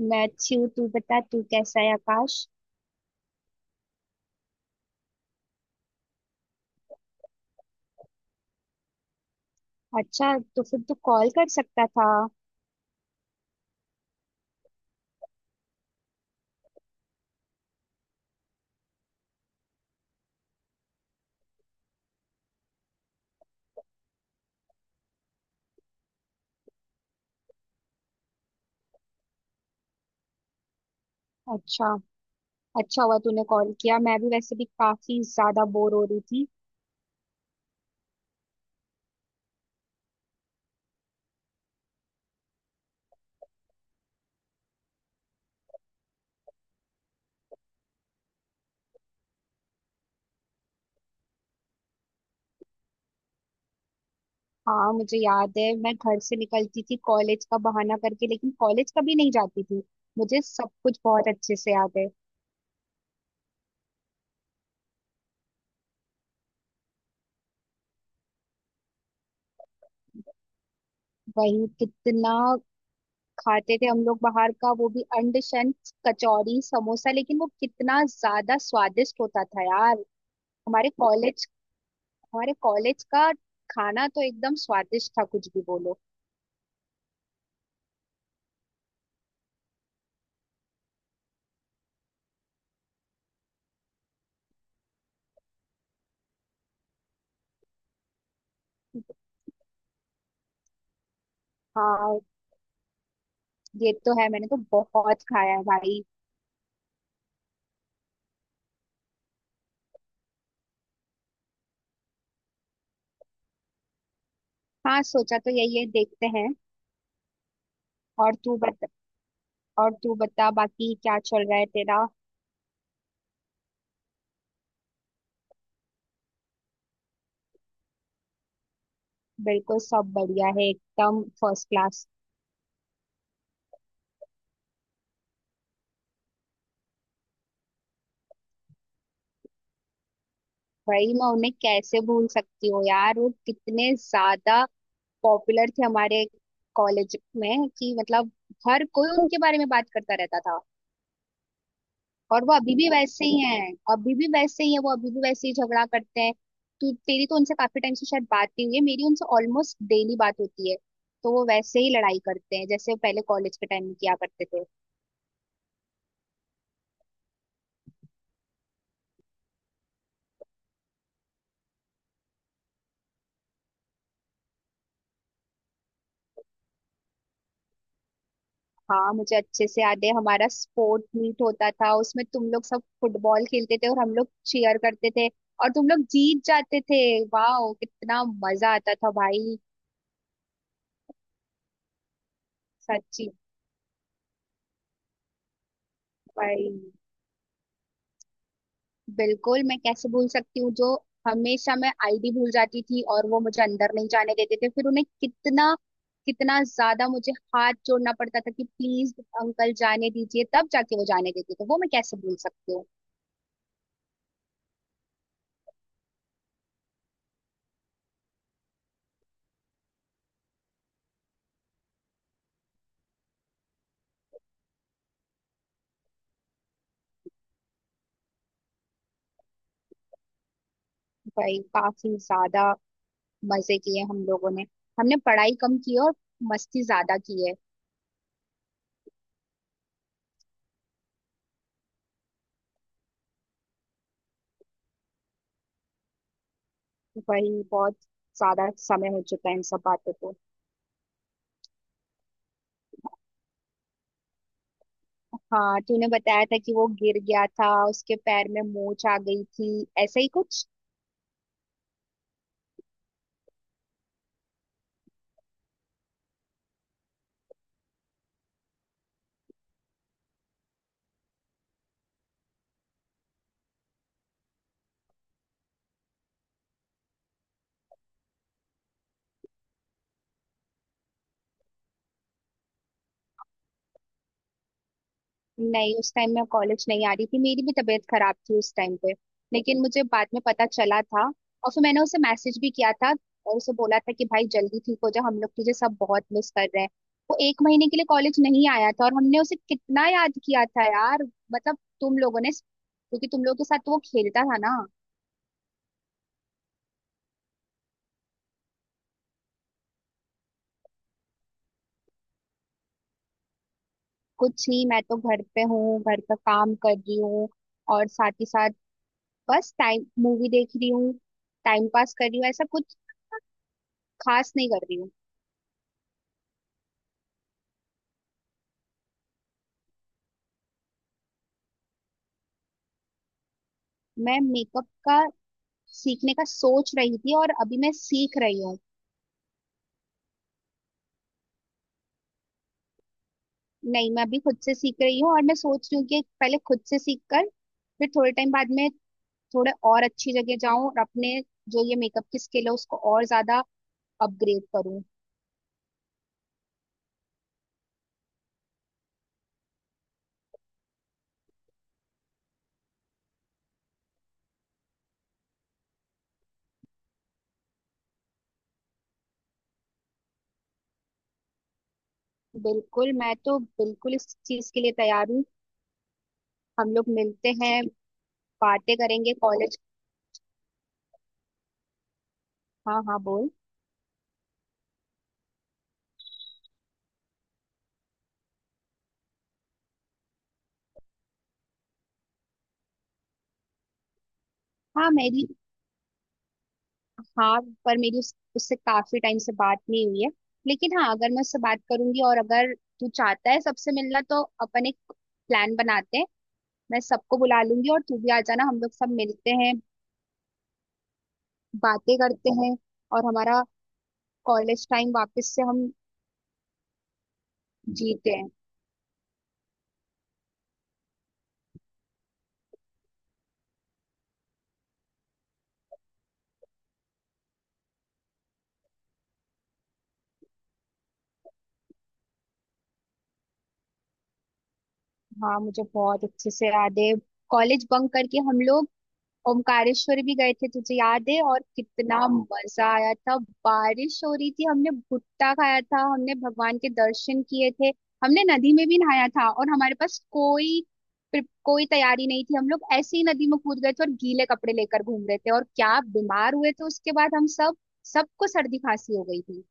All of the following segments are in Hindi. मैं अच्छी हूँ। तू बता तू कैसा है आकाश? अच्छा, तो फिर तू कॉल कर सकता था। अच्छा। अच्छा हुआ तूने कॉल किया, मैं भी वैसे भी काफी ज्यादा बोर हो रही थी। हाँ, मुझे याद है। मैं घर से निकलती थी कॉलेज का बहाना करके, लेकिन कॉलेज कभी नहीं जाती थी। मुझे सब कुछ बहुत अच्छे से याद है। वही, कितना खाते थे हम लोग बाहर का, वो भी अंडशन, कचौरी, समोसा। लेकिन वो कितना ज्यादा स्वादिष्ट होता था यार। हमारे कॉलेज हमारे कॉलेज का खाना तो एकदम स्वादिष्ट था, कुछ भी बोलो। हाँ, ये तो है। मैंने तो बहुत खाया है भाई। हाँ, सोचा तो यही है, देखते हैं। और तू बता। बाकी क्या चल रहा है तेरा? बिल्कुल, सब बढ़िया है, एकदम फर्स्ट क्लास। भाई, मैं उन्हें कैसे भूल सकती हूँ यार। वो कितने ज्यादा पॉपुलर थे हमारे कॉलेज में कि मतलब हर कोई उनके बारे में बात करता रहता था। और वो अभी भी वैसे ही हैं। अभी भी वैसे ही झगड़ा करते हैं। तू तेरी तो उनसे काफी टाइम से शायद बात नहीं हुई है, मेरी उनसे ऑलमोस्ट डेली बात होती है। तो वो वैसे ही लड़ाई करते हैं जैसे पहले कॉलेज के टाइम में किया करते थे। हाँ, मुझे अच्छे से याद है। हमारा स्पोर्ट मीट होता था, उसमें तुम लोग सब फुटबॉल खेलते थे और हम लोग चीयर करते थे। और तुम लोग जीत जाते थे। वाह, कितना मजा आता था भाई। सच्ची। भाई, बिल्कुल, मैं कैसे भूल सकती हूँ? जो हमेशा, मैं आईडी भूल जाती थी और वो मुझे अंदर नहीं जाने देते थे। फिर उन्हें कितना कितना ज्यादा मुझे हाथ जोड़ना पड़ता था कि प्लीज अंकल जाने दीजिए, तब जाके वो जाने देते थे। वो मैं कैसे भूल सकती हूँ। भाई, काफी ज्यादा मजे किए हम लोगों ने। हमने पढ़ाई कम की है और मस्ती ज्यादा की है। भाई, बहुत ज्यादा समय हो चुका है इन सब बातों को। हाँ, तूने बताया था कि वो गिर गया था, उसके पैर में मोच आ गई थी, ऐसा ही कुछ। नहीं, उस टाइम मैं कॉलेज नहीं आ रही थी, मेरी भी तबीयत खराब थी उस टाइम पे। लेकिन मुझे बाद में पता चला था और फिर मैंने उसे मैसेज भी किया था, और उसे बोला था कि भाई जल्दी ठीक हो जा, हम लोग तुझे सब बहुत मिस कर रहे हैं। वो एक महीने के लिए कॉलेज नहीं आया था और हमने उसे कितना याद किया था यार। मतलब, तुम लोगों ने, क्योंकि तुम लोगों के साथ तो वो खेलता था ना। कुछ नहीं, मैं तो घर पे हूँ, घर का काम कर रही हूँ। और साथ ही साथ बस टाइम मूवी देख रही हूँ, टाइम पास कर रही हूँ, ऐसा कुछ खास नहीं कर रही हूँ। मैं मेकअप का सीखने का सोच रही थी और अभी मैं सीख रही हूँ। नहीं, मैं अभी खुद से सीख रही हूँ, और मैं सोच रही हूँ कि पहले खुद से सीख कर फिर थोड़े टाइम बाद में थोड़े और अच्छी जगह जाऊँ और अपने जो ये मेकअप की स्किल है उसको और ज्यादा अपग्रेड करूँ। बिल्कुल, मैं तो बिल्कुल इस चीज के लिए तैयार हूँ। हम लोग मिलते हैं, बातें करेंगे कॉलेज। हाँ, हाँ, बोल। हाँ, मेरी, हाँ, पर मेरी उससे काफी टाइम से बात नहीं हुई है। लेकिन हाँ, अगर मैं उससे बात करूंगी, और अगर तू चाहता है सबसे मिलना, तो अपन एक प्लान बनाते हैं। मैं सबको बुला लूंगी और तू भी आ जाना, हम लोग सब मिलते हैं, बातें करते हैं, और हमारा कॉलेज टाइम वापस से हम जीते हैं। हाँ, मुझे बहुत अच्छे से याद है। कॉलेज बंक करके हम लोग ओमकारेश्वर भी गए थे, तुझे याद है? और कितना मजा आया था। बारिश हो रही थी, हमने भुट्टा खाया था, हमने भगवान के दर्शन किए थे, हमने नदी में भी नहाया था। और हमारे पास कोई कोई तैयारी नहीं थी, हम लोग ऐसे ही नदी में कूद गए थे और गीले कपड़े लेकर घूम रहे थे, और क्या बीमार हुए थे उसके बाद हम सब सबको सर्दी खांसी हो गई थी।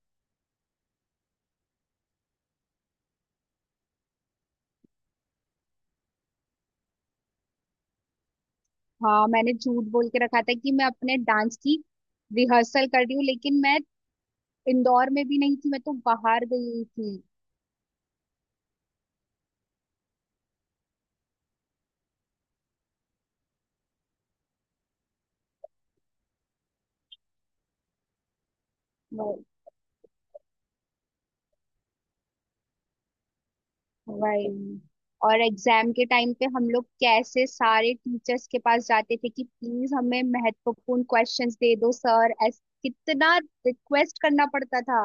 हाँ, मैंने झूठ बोल के रखा था कि मैं अपने डांस की रिहर्सल कर रही हूँ, लेकिन मैं इंदौर में भी नहीं थी, मैं तो बाहर गई हुई थी। वही। और एग्जाम के टाइम पे हम लोग कैसे सारे टीचर्स के पास जाते थे कि प्लीज हमें महत्वपूर्ण क्वेश्चंस दे दो सर, ऐस कितना रिक्वेस्ट करना पड़ता था।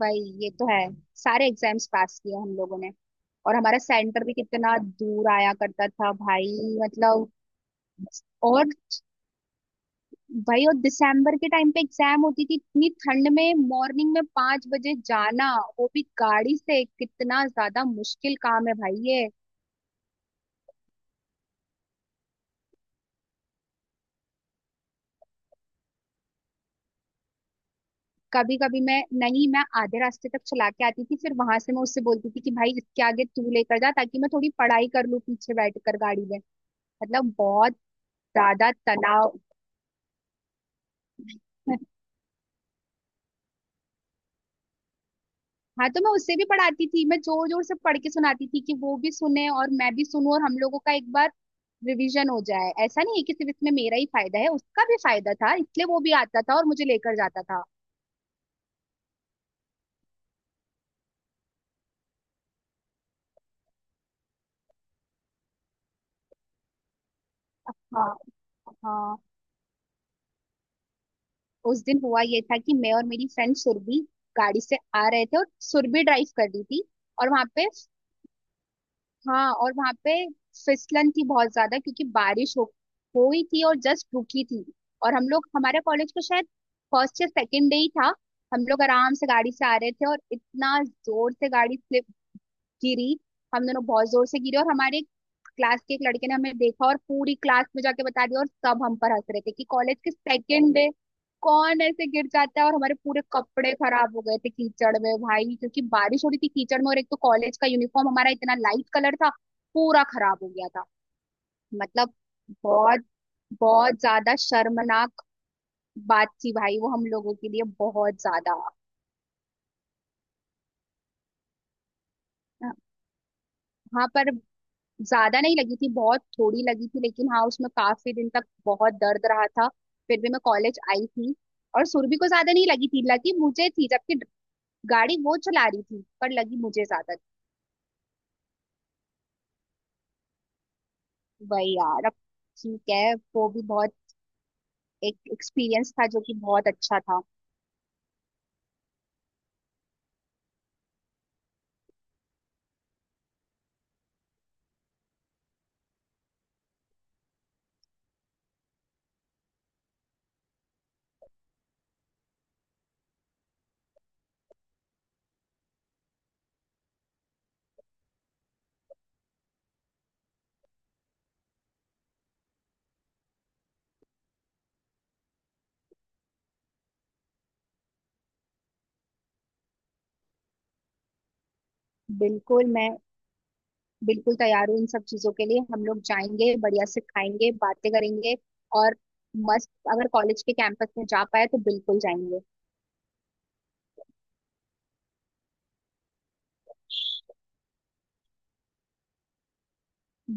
भाई, ये तो है। सारे एग्जाम्स पास किए हम लोगों ने। और हमारा सेंटर भी कितना दूर आया करता था भाई, मतलब। और भाई, और दिसंबर के टाइम पे एग्जाम होती थी, इतनी ठंड में मॉर्निंग में 5 बजे जाना, वो भी गाड़ी से, कितना ज्यादा मुश्किल काम है भाई ये। कभी कभी, मैं नहीं मैं आधे रास्ते तक चला के आती थी, फिर वहां से मैं उससे बोलती थी कि भाई इसके आगे तू लेकर जा, ताकि मैं थोड़ी पढ़ाई कर लूँ पीछे बैठकर गाड़ी में। मतलब, बहुत ज्यादा तनाव। हाँ, तो मैं उससे भी पढ़ाती थी, मैं जोर जोर से पढ़ के सुनाती थी कि वो भी सुने और मैं भी सुनूं, और हम लोगों का एक बार रिवीजन हो जाए। ऐसा नहीं है कि सिर्फ इसमें मेरा ही फायदा है, उसका भी फायदा था, इसलिए वो भी आता था और मुझे लेकर जाता था। हाँ। हाँ, उस दिन हुआ ये था कि मैं और मेरी फ्रेंड सुरभि गाड़ी से आ रहे थे, और सुरभि ड्राइव कर रही थी। और वहां पे हाँ और वहां पे फिसलन थी बहुत ज्यादा, क्योंकि बारिश हो हुई थी और जस्ट रुकी थी। और हम लोग, हमारे कॉलेज का शायद फर्स्ट या सेकेंड डे ही था। हम लोग आराम से गाड़ी से आ रहे थे और इतना जोर से गाड़ी गिरी, हम दोनों बहुत जोर से गिरे। और हमारे क्लास के एक लड़के ने हमें देखा और पूरी क्लास में जाके बता दिया, और सब हम पर हंस रहे थे कि कॉलेज के सेकेंड डे कौन ऐसे गिर जाता है। और हमारे पूरे कपड़े खराब हो गए थे कीचड़ में भाई, क्योंकि बारिश हो रही थी, कीचड़ में। और एक तो कॉलेज का यूनिफॉर्म हमारा इतना लाइट कलर था, पूरा खराब हो गया था। मतलब, बहुत, बहुत ज्यादा शर्मनाक बात थी भाई वो हम लोगों के लिए, बहुत ज्यादा। हाँ, पर ज्यादा नहीं लगी थी, बहुत थोड़ी लगी थी। लेकिन हाँ, उसमें काफी दिन तक बहुत दर्द रहा था। फिर भी मैं कॉलेज आई थी। और सुरभि को ज्यादा नहीं लगी थी, लगी मुझे थी, जबकि गाड़ी वो चला रही थी, पर लगी मुझे ज्यादा। भाई यार, अब ठीक है, वो भी बहुत एक एक्सपीरियंस था जो कि बहुत अच्छा था। बिल्कुल, मैं बिल्कुल तैयार हूँ इन सब चीजों के लिए। हम लोग जाएंगे, बढ़िया से खाएंगे, बातें करेंगे। और मस्त, अगर कॉलेज के कैंपस में जा पाए तो बिल्कुल जाएंगे।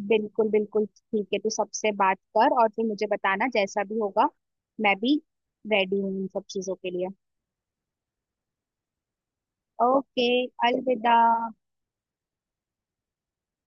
बिल्कुल, बिल्कुल, ठीक है। तू सबसे बात कर और फिर मुझे बताना, जैसा भी होगा मैं भी रेडी हूँ इन सब चीजों के लिए। ओके। अलविदा।